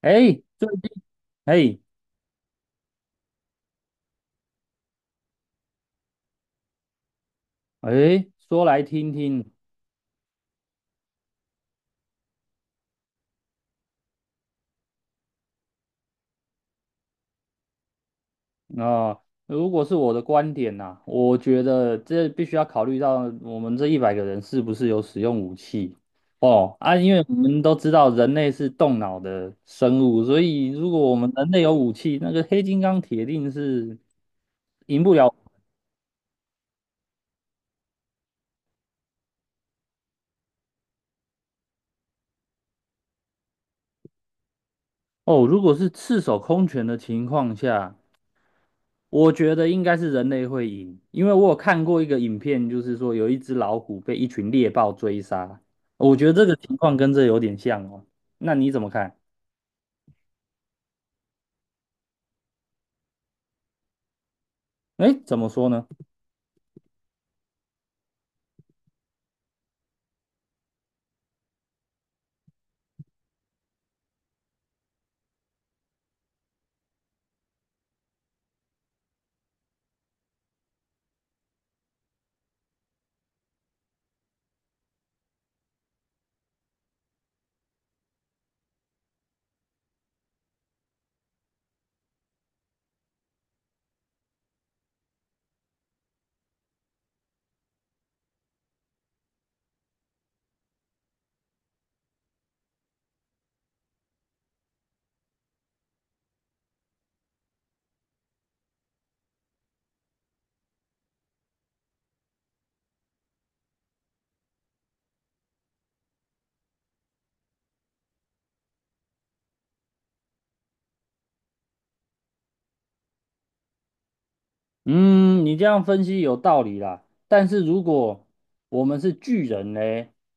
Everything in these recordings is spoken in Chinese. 哎，最近。哎，哎，说来听听。啊，如果是我的观点呐，我觉得这必须要考虑到我们这一百个人是不是有使用武器。哦啊，因为我们都知道人类是动脑的生物，所以如果我们人类有武器，那个黑金刚铁定是赢不了。哦。如果是赤手空拳的情况下，我觉得应该是人类会赢，因为我有看过一个影片，就是说有一只老虎被一群猎豹追杀，我觉得这个情况跟这有点像哦。那你怎么看？哎，怎么说呢？嗯，你这样分析有道理啦。但是如果我们是巨人呢？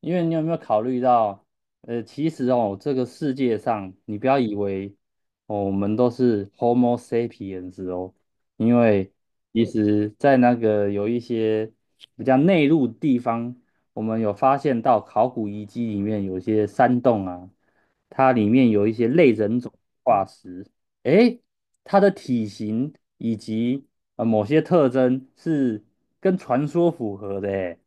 因为你有没有考虑到，其实哦，这个世界上，你不要以为哦，我们都是 Homo sapiens 哦，因为其实在那个有一些比较内陆地方，我们有发现到考古遗迹里面有一些山洞啊，它里面有一些类人种化石，诶。它的体型以及某些特征是跟传说符合的诶。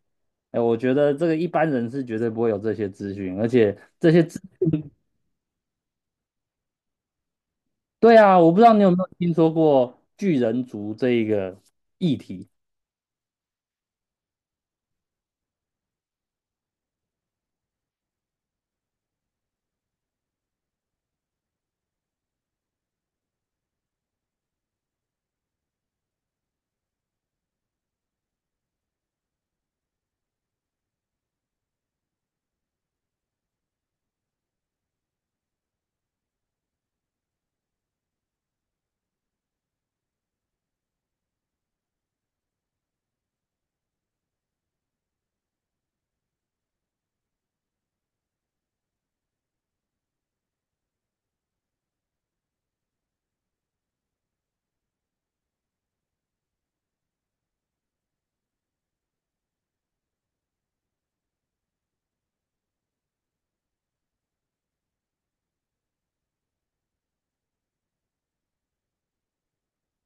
哎，我觉得这个一般人是绝对不会有这些资讯，而且这些资，对啊，我不知道你有没有听说过巨人族这一个。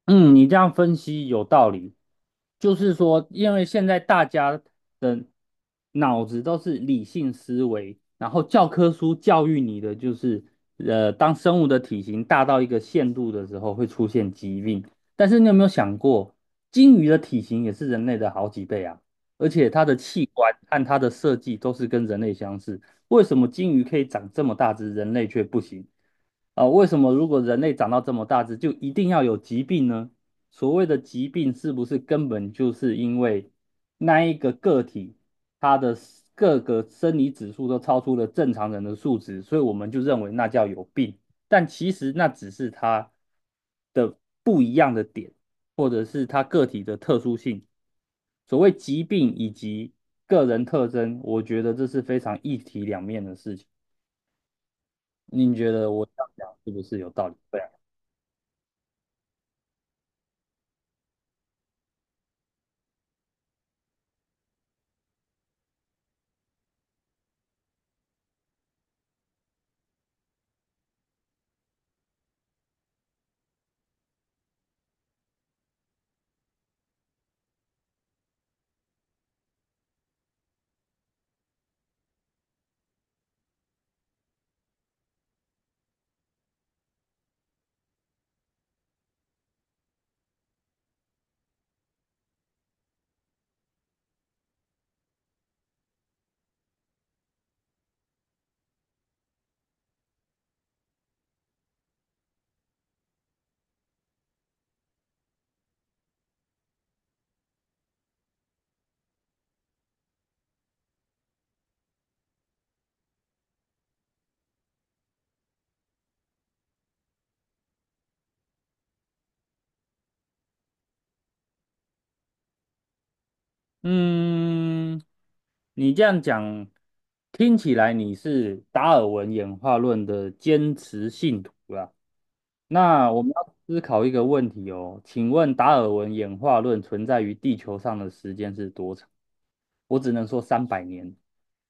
嗯，你这样分析有道理，就是说，因为现在大家的脑子都是理性思维，然后教科书教育你的就是，当生物的体型大到一个限度的时候会出现疾病。但是你有没有想过，鲸鱼的体型也是人类的好几倍啊，而且它的器官按它的设计都是跟人类相似，为什么鲸鱼可以长这么大只，人类却不行？啊，为什么如果人类长到这么大只，就一定要有疾病呢？所谓的疾病，是不是根本就是因为那一个个体它的各个生理指数都超出了正常人的数值，所以我们就认为那叫有病？但其实那只是它的不一样的点，或者是它个体的特殊性。所谓疾病以及个人特征，我觉得这是非常一体两面的事情。您觉得我这样讲是不是有道理？对啊。嗯，你这样讲听起来你是达尔文演化论的坚持信徒啦。那我们要思考一个问题哦，请问达尔文演化论存在于地球上的时间是多长？我只能说三百年。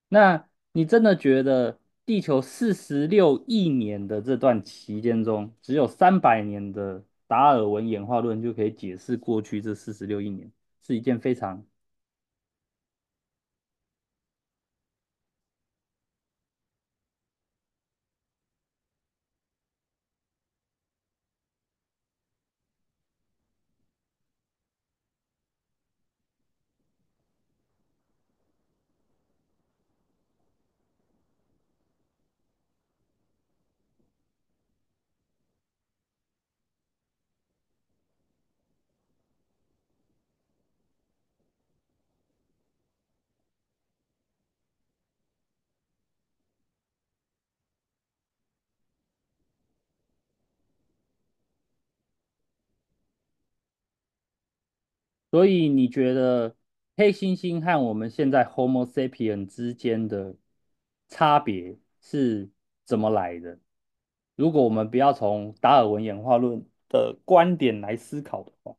那你真的觉得地球四十六亿年的这段期间中，只有三百年的达尔文演化论就可以解释过去这四十六亿年，是一件非常。所以你觉得黑猩猩和我们现在 Homo sapien 之间的差别是怎么来的？如果我们不要从达尔文演化论的观点来思考的话。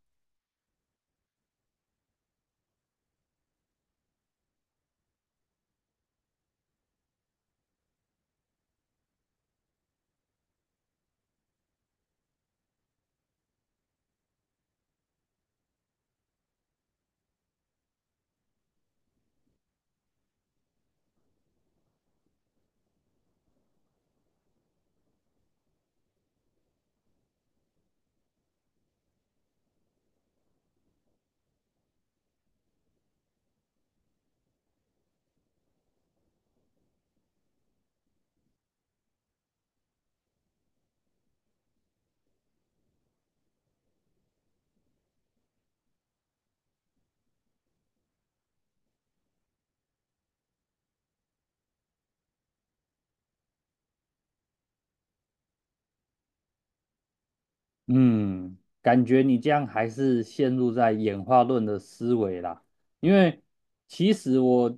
嗯，感觉你这样还是陷入在演化论的思维啦。因为其实我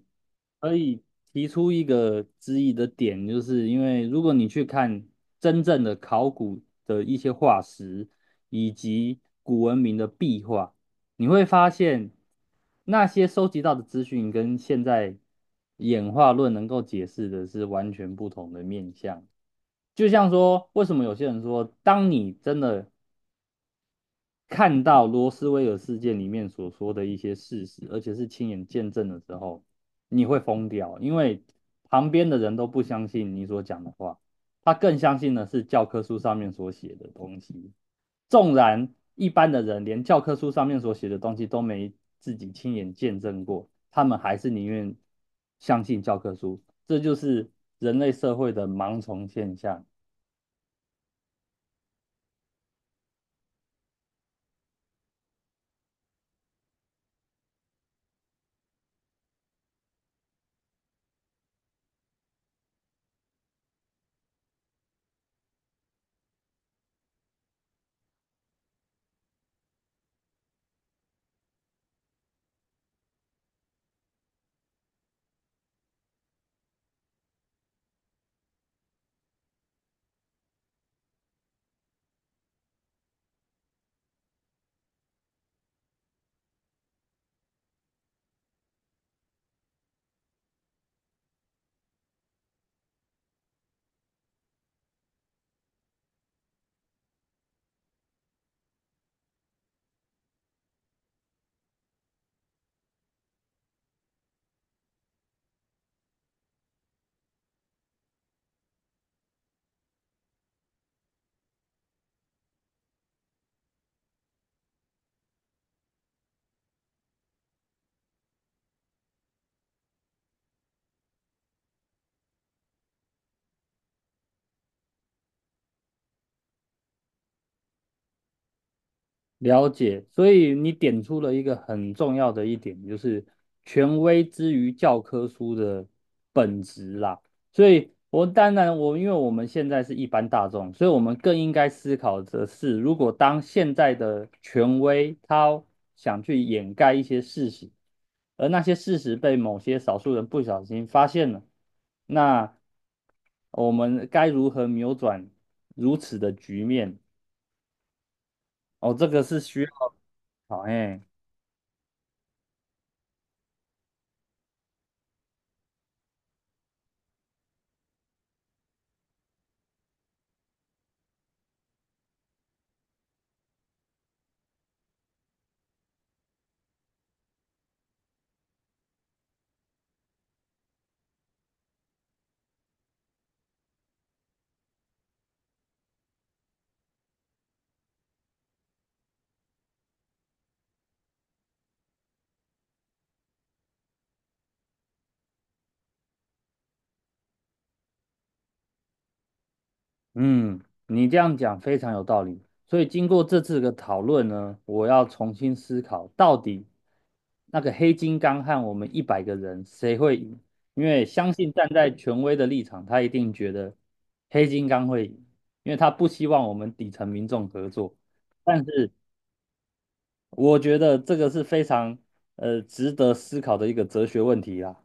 可以提出一个质疑的点，就是因为如果你去看真正的考古的一些化石，以及古文明的壁画，你会发现那些收集到的资讯跟现在演化论能够解释的是完全不同的面向。就像说，为什么有些人说，当你真的看到罗斯威尔事件里面所说的一些事实，而且是亲眼见证了之后，你会疯掉，因为旁边的人都不相信你所讲的话，他更相信的是教科书上面所写的东西。纵然一般的人连教科书上面所写的东西都没自己亲眼见证过，他们还是宁愿相信教科书。这就是人类社会的盲从现象。了解，所以你点出了一个很重要的一点，就是权威之于教科书的本质啦。所以我当然，我因为我们现在是一般大众，所以我们更应该思考的是，如果当现在的权威他想去掩盖一些事实，而那些事实被某些少数人不小心发现了，那我们该如何扭转如此的局面？哦，这个是需要。好，哎，嗯，你这样讲非常有道理。所以经过这次的讨论呢，我要重新思考，到底那个黑金刚和我们一百个人谁会赢？因为相信站在权威的立场，他一定觉得黑金刚会赢，因为他不希望我们底层民众合作。但是我觉得这个是非常值得思考的一个哲学问题啦。